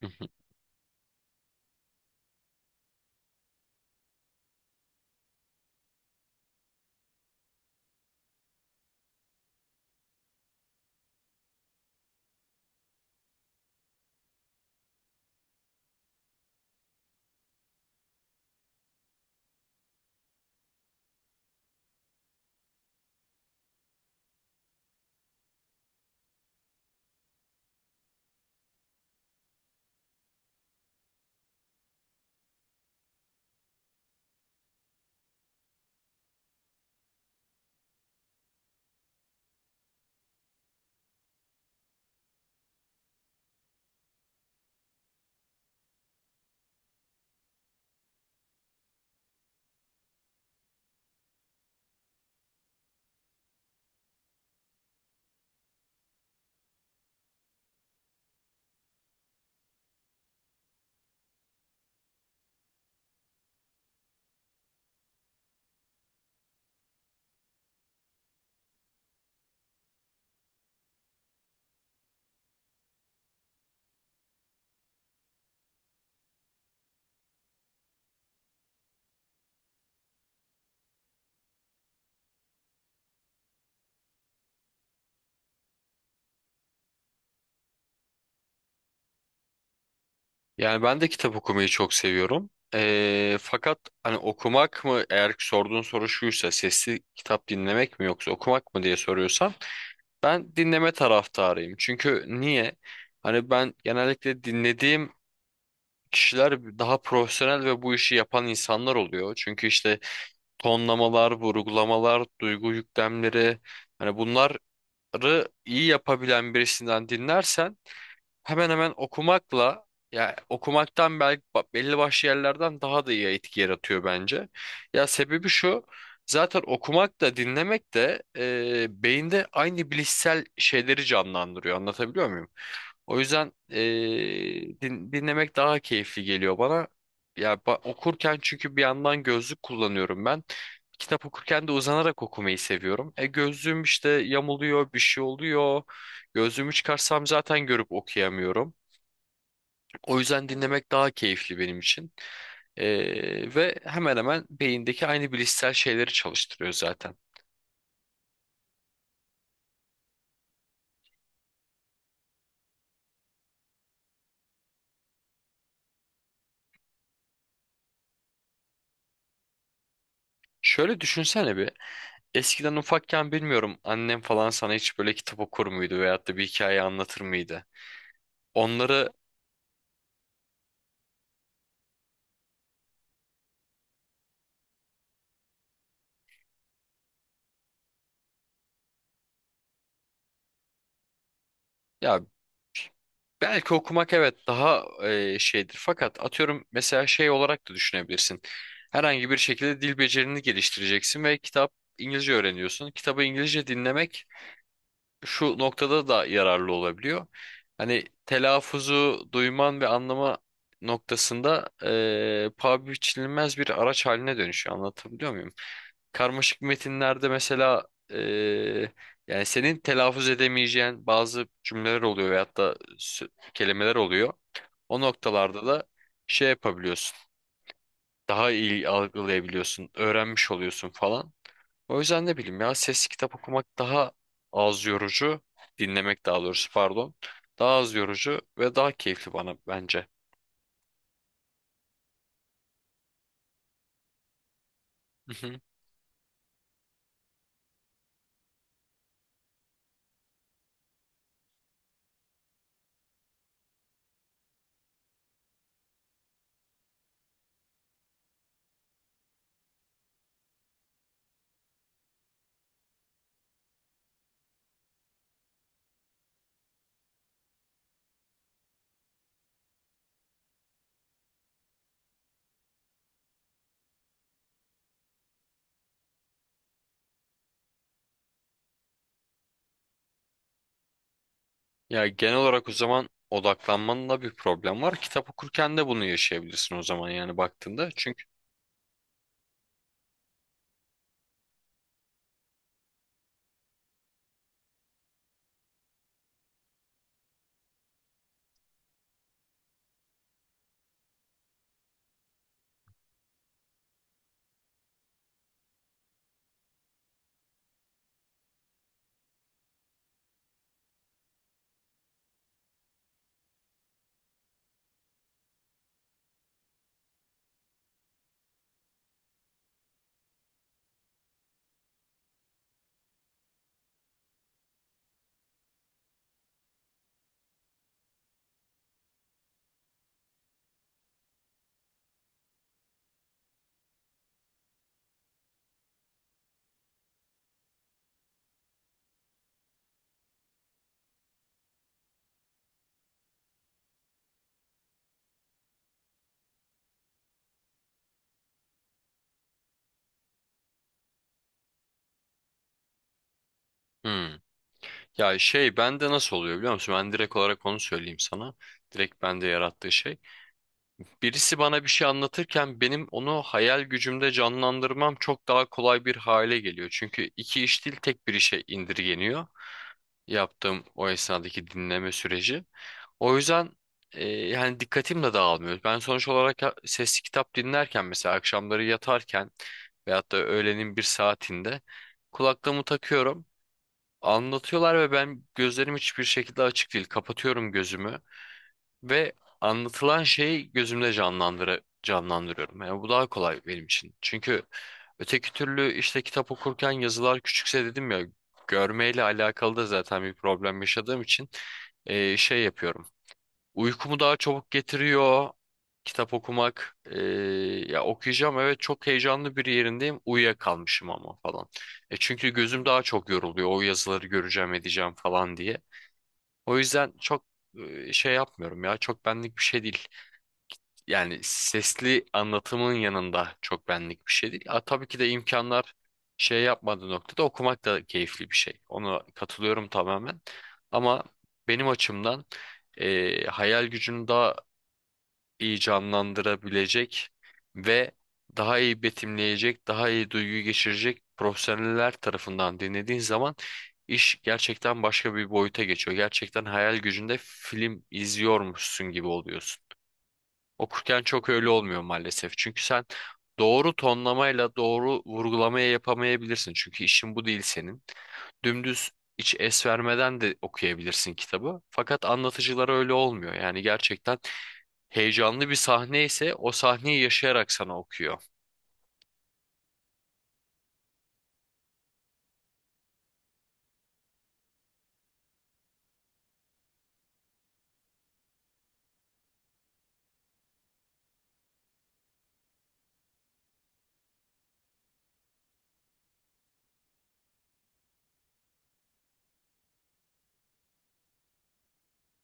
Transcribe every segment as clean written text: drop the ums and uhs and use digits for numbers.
Hı hı. Yani ben de kitap okumayı çok seviyorum. Fakat hani okumak mı eğer sorduğun soru şuysa sesli kitap dinlemek mi yoksa okumak mı diye soruyorsan ben dinleme taraftarıyım. Çünkü niye? Hani ben genellikle dinlediğim kişiler daha profesyonel ve bu işi yapan insanlar oluyor. Çünkü işte tonlamalar, vurgulamalar, duygu yüklemleri hani bunları iyi yapabilen birisinden dinlersen hemen hemen okumakla ya okumaktan belki belli başlı yerlerden daha da iyi etki yaratıyor bence. Ya sebebi şu, zaten okumak da dinlemek de beyinde aynı bilişsel şeyleri canlandırıyor, anlatabiliyor muyum? O yüzden dinlemek daha keyifli geliyor bana. Ya okurken çünkü bir yandan gözlük kullanıyorum ben. Kitap okurken de uzanarak okumayı seviyorum. Gözlüğüm işte yamuluyor, bir şey oluyor. Gözlüğümü çıkarsam zaten görüp okuyamıyorum. O yüzden dinlemek daha keyifli benim için. Ve hemen hemen beyindeki aynı bilişsel şeyleri çalıştırıyor zaten. Şöyle düşünsene bir. Eskiden ufakken bilmiyorum, annem falan sana hiç böyle kitap okur muydu veyahut da bir hikaye anlatır mıydı? Onları, ya belki okumak evet daha şeydir fakat atıyorum mesela şey olarak da düşünebilirsin. Herhangi bir şekilde dil becerini geliştireceksin ve kitap, İngilizce öğreniyorsun. Kitabı İngilizce dinlemek şu noktada da yararlı olabiliyor. Hani telaffuzu duyman ve anlama noktasında paha biçilmez bir araç haline dönüşüyor. Anlatabiliyor muyum? Karmaşık metinlerde mesela yani senin telaffuz edemeyeceğin bazı cümleler oluyor veyahut da kelimeler oluyor. O noktalarda da şey yapabiliyorsun. Daha iyi algılayabiliyorsun, öğrenmiş oluyorsun falan. O yüzden ne bileyim, ya sesli kitap okumak daha az yorucu, dinlemek daha doğrusu, pardon. Daha az yorucu ve daha keyifli bana bence. Hı hı. Ya genel olarak o zaman odaklanmanla bir problem var. Kitap okurken de bunu yaşayabilirsin o zaman yani baktığında. Çünkü Hmm. Ya şey bende nasıl oluyor biliyor musun? Ben direkt olarak onu söyleyeyim sana. Direkt bende yarattığı şey. Birisi bana bir şey anlatırken benim onu hayal gücümde canlandırmam çok daha kolay bir hale geliyor. Çünkü iki iş değil, tek bir işe indirgeniyor. Yaptığım o esnadaki dinleme süreci. O yüzden yani dikkatim de dağılmıyor. Ben sonuç olarak sesli kitap dinlerken mesela akşamları yatarken veyahut da öğlenin bir saatinde kulaklığımı takıyorum. Anlatıyorlar ve ben gözlerim hiçbir şekilde açık değil. Kapatıyorum gözümü ve anlatılan şeyi gözümde canlandırıyorum. Yani bu daha kolay benim için. Çünkü öteki türlü işte kitap okurken yazılar küçükse, dedim ya, görmeyle alakalı da zaten bir problem yaşadığım için şey yapıyorum. Uykumu daha çabuk getiriyor kitap okumak. Ya okuyacağım, evet, çok heyecanlı bir yerindeyim. Uyuyakalmışım ama falan. Çünkü gözüm daha çok yoruluyor. O yazıları göreceğim edeceğim falan diye. O yüzden çok şey yapmıyorum ya. Çok benlik bir şey değil. Yani sesli anlatımın yanında çok benlik bir şey değil. Ha, tabii ki de imkanlar şey yapmadığı noktada okumak da keyifli bir şey. Ona katılıyorum tamamen. Ama benim açımdan hayal gücünü daha iyi canlandırabilecek ve daha iyi betimleyecek, daha iyi duygu geçirecek profesyoneller tarafından dinlediğin zaman iş gerçekten başka bir boyuta geçiyor. Gerçekten hayal gücünde film izliyormuşsun gibi oluyorsun. Okurken çok öyle olmuyor maalesef. Çünkü sen doğru tonlamayla doğru vurgulamaya yapamayabilirsin. Çünkü işin bu değil senin. Dümdüz hiç es vermeden de okuyabilirsin kitabı. Fakat anlatıcılar öyle olmuyor. Yani gerçekten heyecanlı bir sahne ise o sahneyi yaşayarak sana okuyor.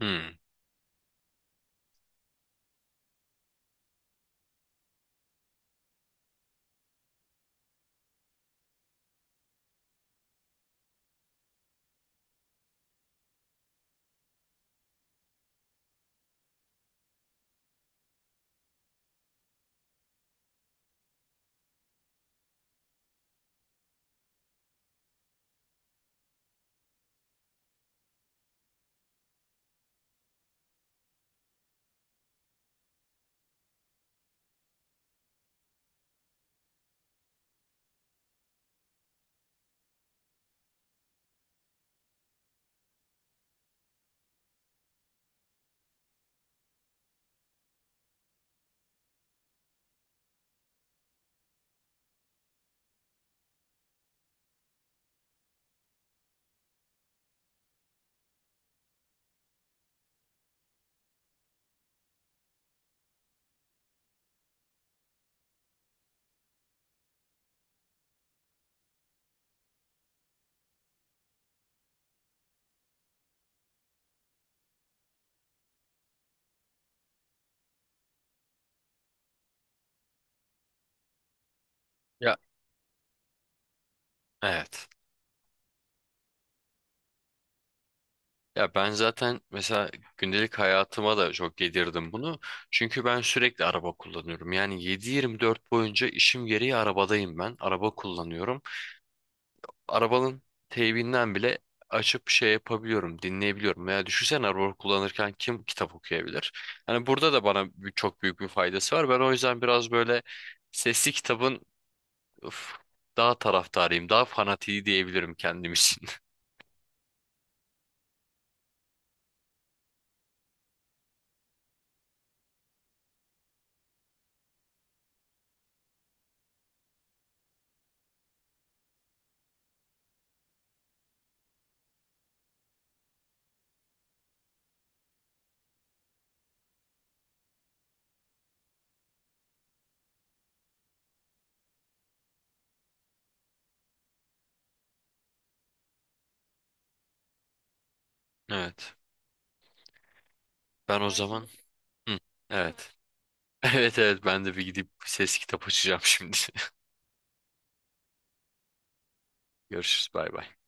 Hmm. Ya, evet. Ya ben zaten mesela gündelik hayatıma da çok yedirdim bunu. Çünkü ben sürekli araba kullanıyorum. Yani yedi yirmi dört boyunca işim gereği arabadayım ben. Araba kullanıyorum. Arabanın teybinden bile açıp şey yapabiliyorum, dinleyebiliyorum. Veya düşünsene, araba kullanırken kim kitap okuyabilir? Hani burada da bana çok büyük bir faydası var. Ben o yüzden biraz böyle sesli kitabın, öf, daha taraftarıyım, daha fanatiği diyebilirim kendim için. Evet. Ben o zaman şimdi Hı, tamam. Evet. Evet, evet, ben de bir gidip ses kitap açacağım şimdi. Görüşürüz, bay bay.